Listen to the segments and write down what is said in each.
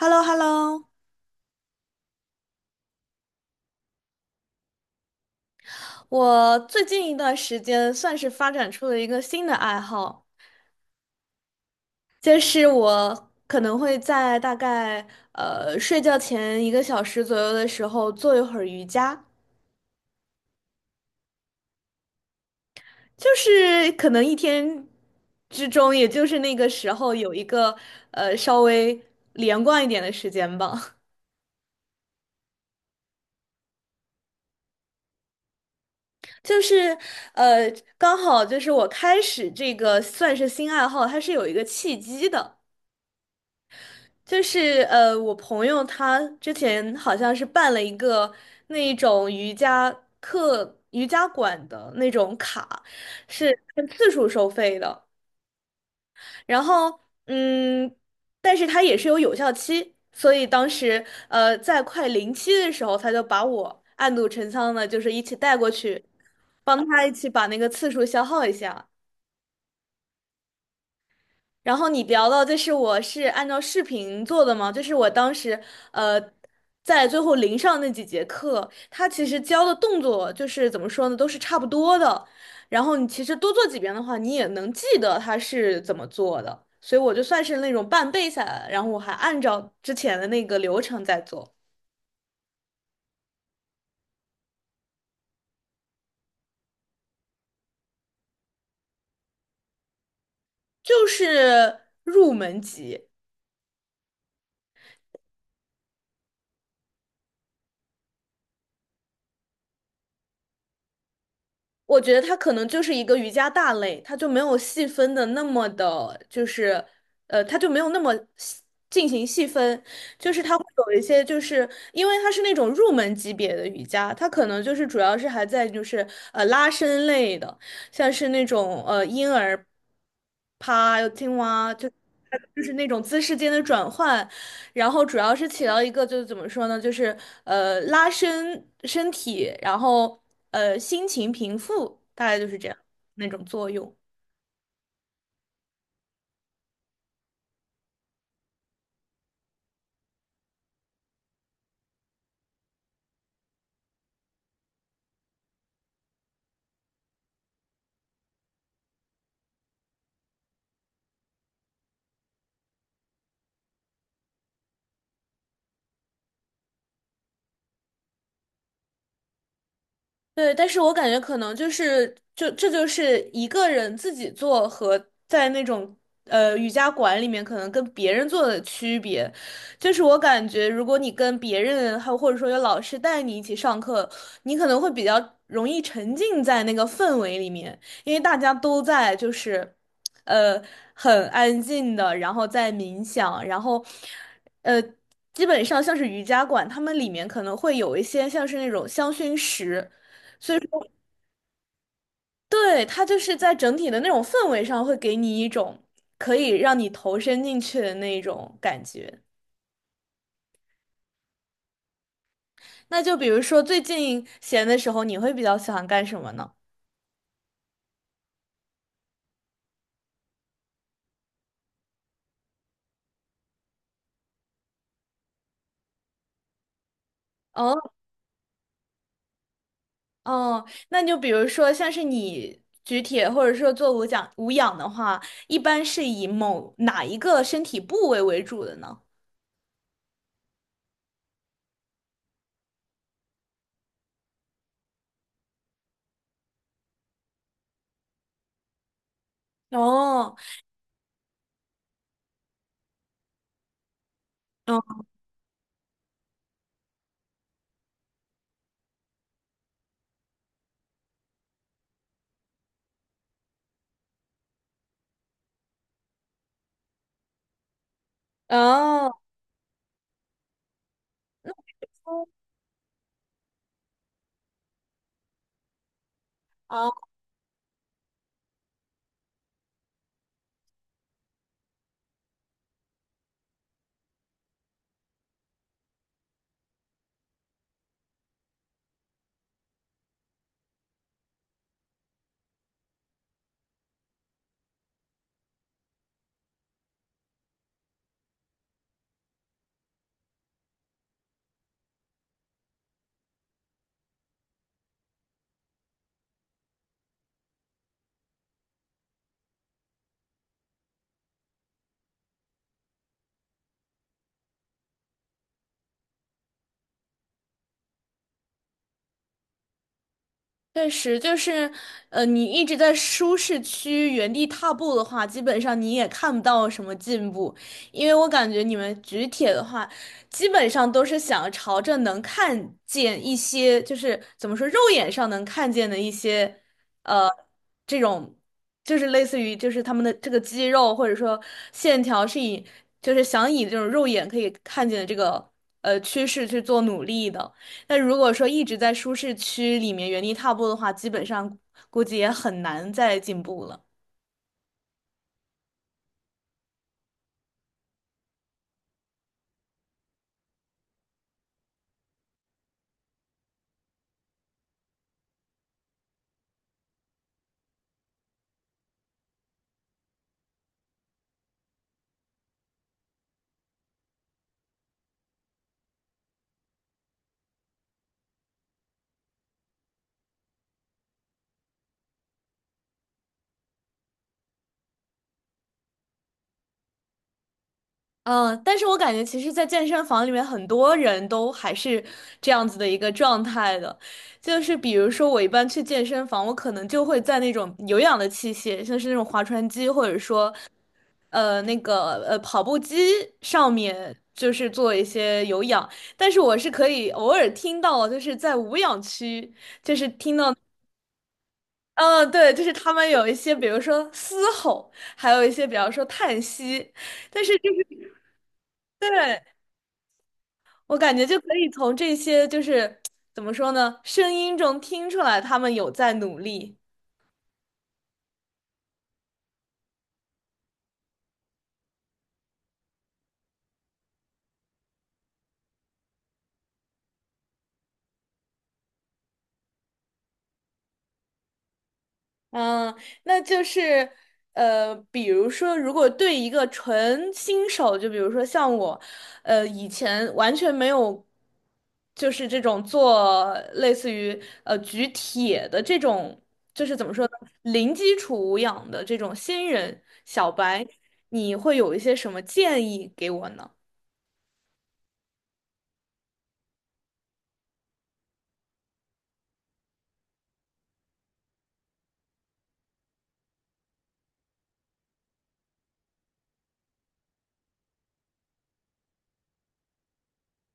h e l l o h e l l o 我最近一段时间算是发展出了一个新的爱好，就是我可能会在大概睡觉前一个小时左右的时候做一会儿瑜伽，就是可能一天之中，也就是那个时候有一个稍微连贯一点的时间吧。就是呃刚好就是我开始这个算是新爱好，它是有一个契机的。就是我朋友他之前好像是办了一个那一种瑜伽课、瑜伽馆的那种卡，是按次数收费的。然后嗯，但是他也是有有效期，所以当时在快临期的时候，他就把我暗度陈仓的，就是一起带过去，帮他一起把那个次数消耗一下。然后你聊到就是我是按照视频做的嘛，就是我当时呃在最后临上那几节课，他其实教的动作就是怎么说呢，都是差不多的。然后你其实多做几遍的话，你也能记得他是怎么做的。所以我就算是那种半背下来了然后我还按照之前的那个流程在做，就是入门级。我觉得它可能就是一个瑜伽大类，它就没有细分的那么的，就是它就没有那么细进行细分，就是它会有一些，就是因为它是那种入门级别的瑜伽，它可能就是主要是还在就是拉伸类的，像是那种婴儿趴、青蛙，就是那种姿势间的转换，然后主要是起到一个就是怎么说呢，就是拉伸身体，然后心情平复，大概就是这样那种作用。对，但是我感觉可能就是就这就是一个人自己做和在那种瑜伽馆里面可能跟别人做的区别，就是我感觉如果你跟别人还有或者说有老师带你一起上课，你可能会比较容易沉浸在那个氛围里面，因为大家都在就是呃很安静的，然后在冥想，呃。基本上像是瑜伽馆，他们里面可能会有一些像是那种香薰石，对，它就是在整体的那种氛围上，会给你一种可以让你投身进去的那种感觉。那就比如说最近闲的时候，你会比较喜欢干什么呢？哦哦，那就比如说像是你举铁或者说做无氧的话，一般是以某哪一个身体部位为主的呢？哦哦哦。哦，确实，就是，你一直在舒适区原地踏步的话，基本上你也看不到什么进步，因为我感觉你们举铁的话，基本上都是想朝着能看见一些，就是怎么说，肉眼上能看见的一些，呃，这种，就是类似于就是他们的这个肌肉或者说线条是以，就是想以这种肉眼可以看见的这个趋势去做努力的。那如果说一直在舒适区里面原地踏步的话，基本上估计也很难再进步了。嗯，但是我感觉其实，在健身房里面，很多人都还是这样子的一个状态的，就是比如说我一般去健身房，我可能就会在那种有氧的器械，像是那种划船机，或者说那个跑步机上面，就是做一些有氧。但是我是可以偶尔听到，就是在无氧区。嗯，对，就是他们有一些，比如说嘶吼，还有一些，比方说叹息，但是就是，对，我感觉就可以从这些就是怎么说呢，声音中听出来他们有在努力。嗯，那就是比如说，如果对一个纯新手，就比如说像我，以前完全没有，就是这种做类似于举铁的这种，就是怎么说呢，零基础无氧的这种新人小白，你会有一些什么建议给我呢？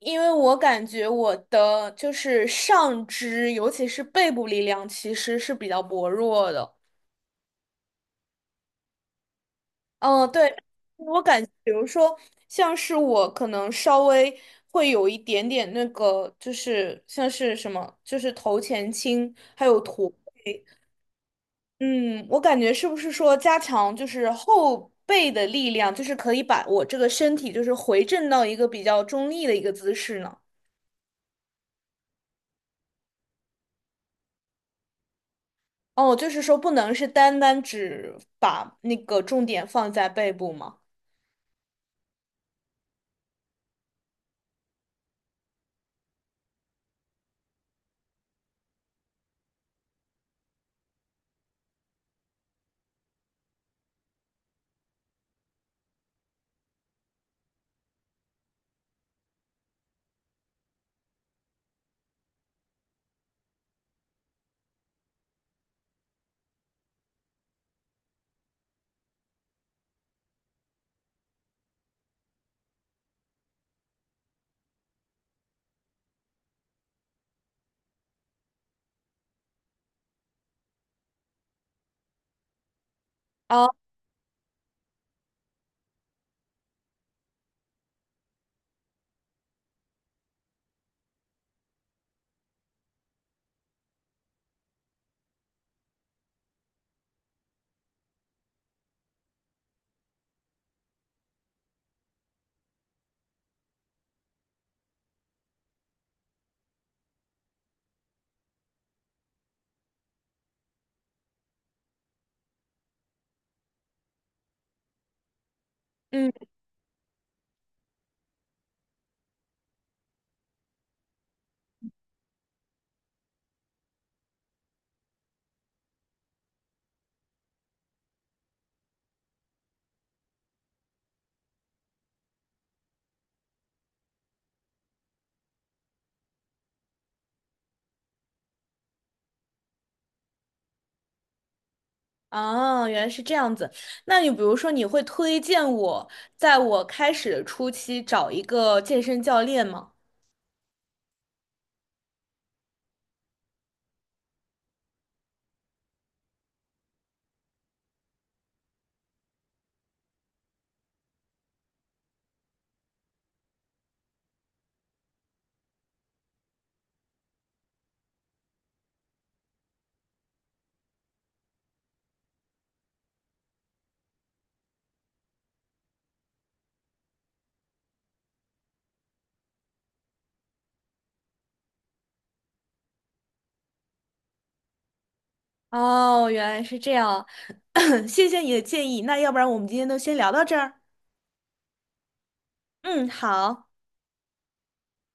因为我感觉我的就是上肢，尤其是背部力量，其实是比较薄弱的。嗯，对，我感觉，比如说，像是我可能稍微会有一点点那个，就是像是什么，就是头前倾，还有驼。嗯，我感觉是不是说加强就是后背的力量，就是可以把我这个身体就是回正到一个比较中立的一个姿势呢？哦，就是说不能是单单只把那个重点放在背部吗？啊，嗯。哦，原来是这样子。那你比如说，你会推荐我在我开始的初期找一个健身教练吗？哦，原来是这样，谢谢你的建议。那要不然我们今天就先聊到这儿。嗯，好。